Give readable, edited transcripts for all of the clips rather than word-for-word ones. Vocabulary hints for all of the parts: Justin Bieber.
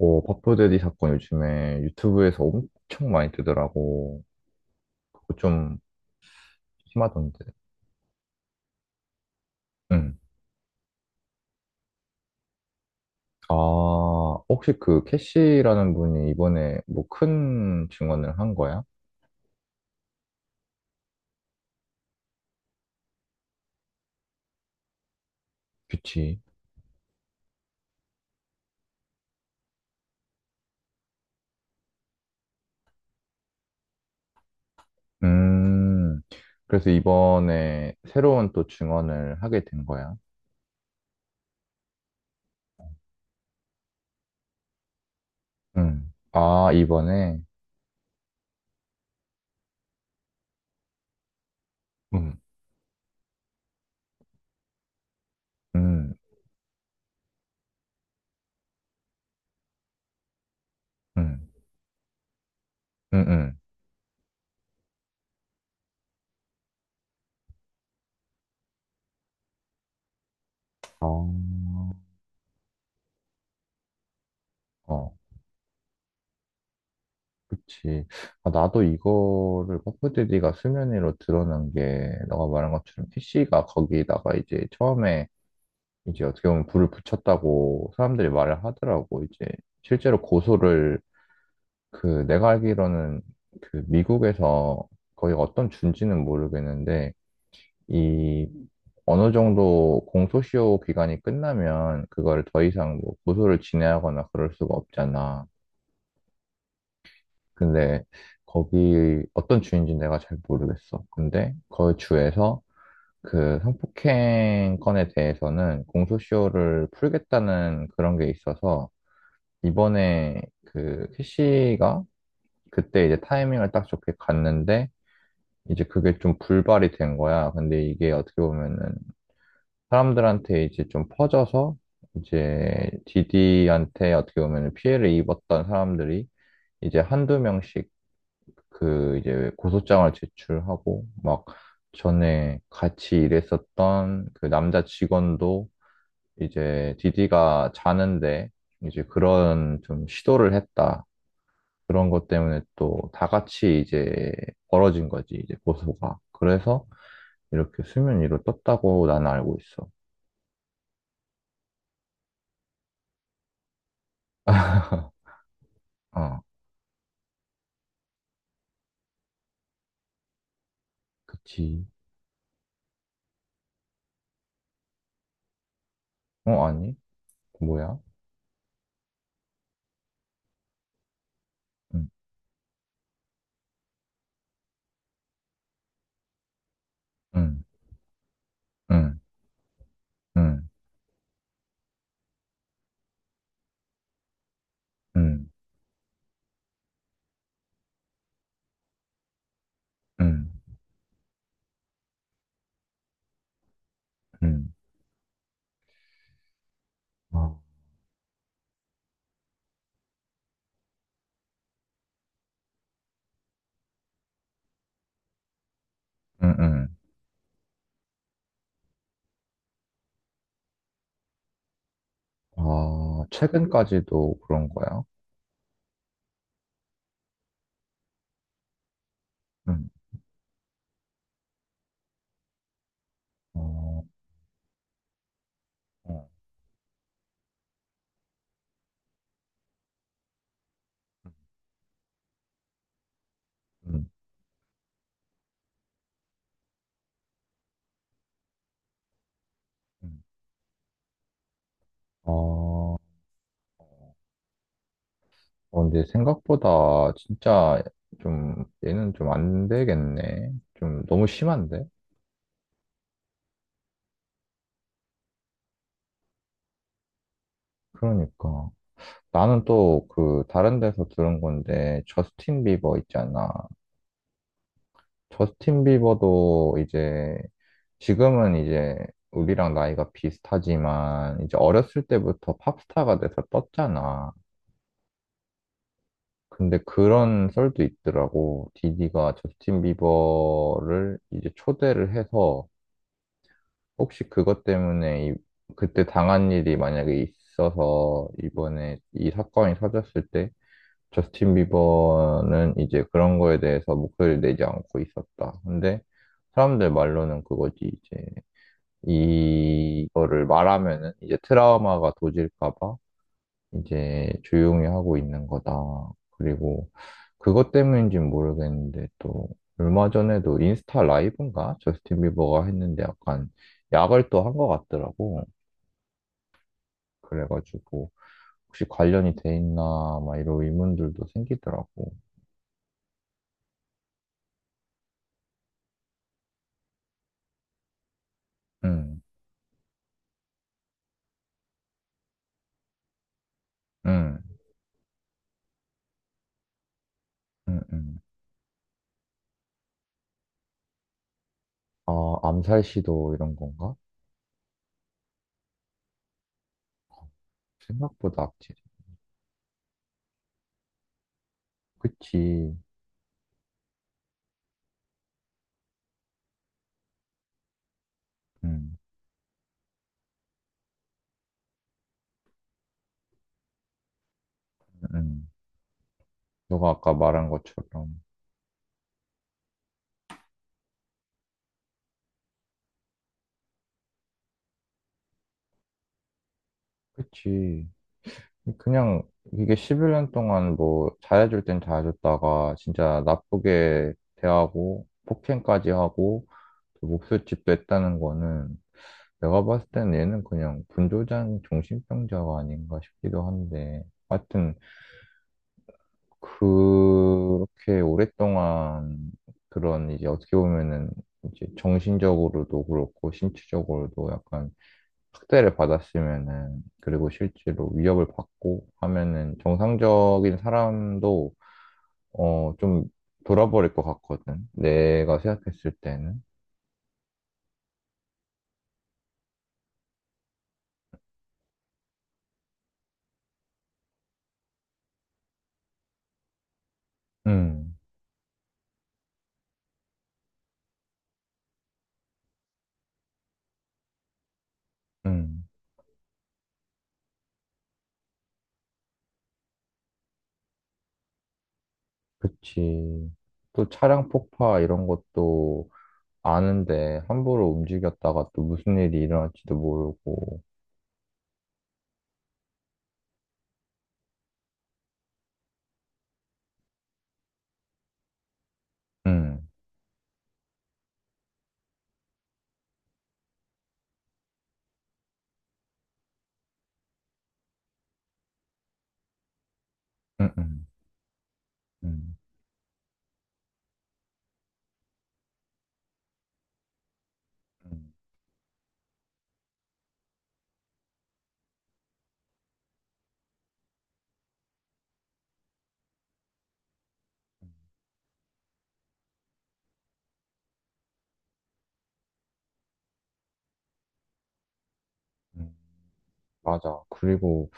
어, 버프데디 사건 요즘에 유튜브에서 엄청 많이 뜨더라고. 그거 좀 심하던데. 응. 아, 혹시 그 캐시라는 분이 이번에 뭐 큰 증언을 한 거야? 그치. 음, 그래서 이번에 새로운 또 증언을 하게 된 거야. 응. 아, 이번에? 응, 응, 응, 응, 응, 아, 어. 그치. 아, 나도 이거를 퍼프디디가 수면 위로 드러난 게, 너가 말한 것처럼 PC가 거기다가 이제 처음에 이제 어떻게 보면 불을 붙였다고 사람들이 말을 하더라고. 이제 실제로 고소를, 그 내가 알기로는, 그 미국에서 거의 어떤 준지는 모르겠는데, 이 어느 정도 공소시효 기간이 끝나면 그걸 더 이상 뭐 고소를 진행하거나 그럴 수가 없잖아. 근데 거기 어떤 주인지 내가 잘 모르겠어. 근데 그 주에서 그 성폭행 건에 대해서는 공소시효를 풀겠다는 그런 게 있어서 이번에 그 캐시가 그때 이제 타이밍을 딱 좋게 갔는데 이제 그게 좀 불발이 된 거야. 근데 이게 어떻게 보면은 사람들한테 이제 좀 퍼져서 이제 디디한테 어떻게 보면 피해를 입었던 사람들이 이제 한두 명씩 그 이제 고소장을 제출하고 막 전에 같이 일했었던 그 남자 직원도 이제 디디가 자는데 이제 그런 좀 시도를 했다. 그런 것 때문에 또 다 같이 이제 벌어진 거지, 이제 고소가. 그래서 이렇게 수면 위로 떴다고 나는 알고 있어. 아, 그치. 어, 아니? 뭐야? 응, 응, 응, 응, 응, 응, 응, 아, 응, 응. 아, 최근까지도 그런 거야? 응. 어, 어, 응, 응. 어, 어, 근데 생각보다 진짜 좀 얘는 좀 안 되겠네. 좀 너무 심한데? 그러니까. 나는 또 그 다른 데서 들은 건데 저스틴 비버 있잖아. 저스틴 비버도 이제 지금은 이제 우리랑 나이가 비슷하지만 이제 어렸을 때부터 팝스타가 돼서 떴잖아. 근데 그런 썰도 있더라고. 디디가 저스틴 비버를 이제 초대를 해서 혹시 그것 때문에 그때 당한 일이 만약에 있어서 이번에 이 사건이 터졌을 때 저스틴 비버는 이제 그런 거에 대해서 목소리를 내지 않고 있었다. 근데 사람들 말로는 그거지 이제 이거를 말하면은 이제 트라우마가 도질까 봐 이제 조용히 하고 있는 거다. 그리고 그것 때문인지는 모르겠는데 또 얼마 전에도 인스타 라이브인가? 저스틴 비버가 했는데 약간 약을 또 한 것 같더라고. 그래가지고 혹시 관련이 돼 있나 막 이런 의문들도 생기더라고. 응, 응, 응, 응. 아, 암살 시도 이런 건가? 생각보다 악질이. 그치. 응, 응. 너가 아까 말한 것처럼. 그치. 그냥 이게 11년 동안 뭐 잘해줄 땐 잘해줬다가 진짜 나쁘게 대하고 폭행까지 하고 또 목술집도 했다는 거는 내가 봤을 때는 얘는 그냥 분조장 정신병자가 아닌가 싶기도 한데 하여튼 그렇게 오랫동안 그런 이제 어떻게 보면은 이제 정신적으로도 그렇고 신체적으로도 약간 학대를 받았으면은, 그리고 실제로 위협을 받고 하면은 정상적인 사람도, 어, 좀 돌아버릴 것 같거든. 내가 생각했을 때는. 음, 음, 그치. 또 차량 폭파 이런 것도 아는데 함부로 움직였다가 또 무슨 일이 일어날지도 모르고. 음, 음, 음, 음, 음, 음. 음. 맞아. 그리고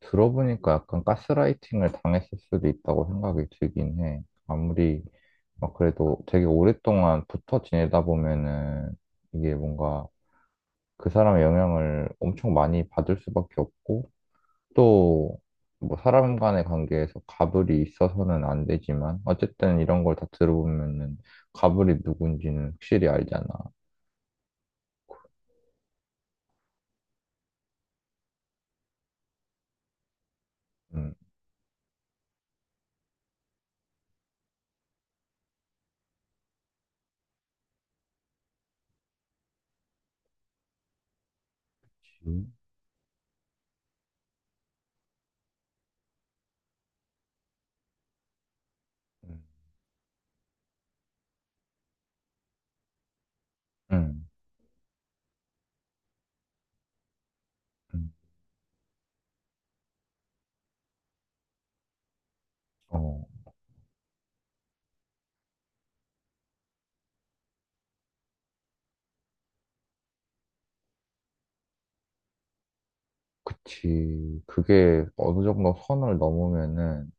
들어보니까 약간 가스라이팅을 당했을 수도 있다고 생각이 들긴 해. 아무리 막 그래도 되게 오랫동안 붙어 지내다 보면은 이게 뭔가 그 사람의 영향을 엄청 많이 받을 수밖에 없고 또 뭐 사람 간의 관계에서 갑을이 있어서는 안 되지만 어쨌든 이런 걸 다 들어보면은 갑을이 누군지는 확실히 알잖아. 음. 음. 음. 음. 음. 어. 그치. 그게 어느 정도 선을 넘으면은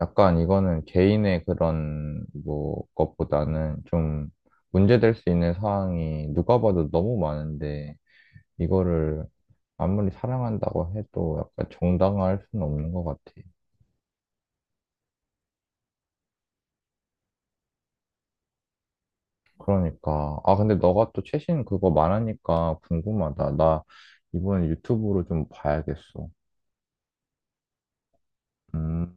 약간 이거는 개인의 그런 뭐 것보다는 좀 문제될 수 있는 상황이 누가 봐도 너무 많은데 이거를 아무리 사랑한다고 해도 약간 정당화할 수는 없는 것 같아. 그러니까. 아, 근데 너가 또 최신 그거 말하니까 궁금하다. 나 이번에 유튜브로 좀 봐야겠어. 음.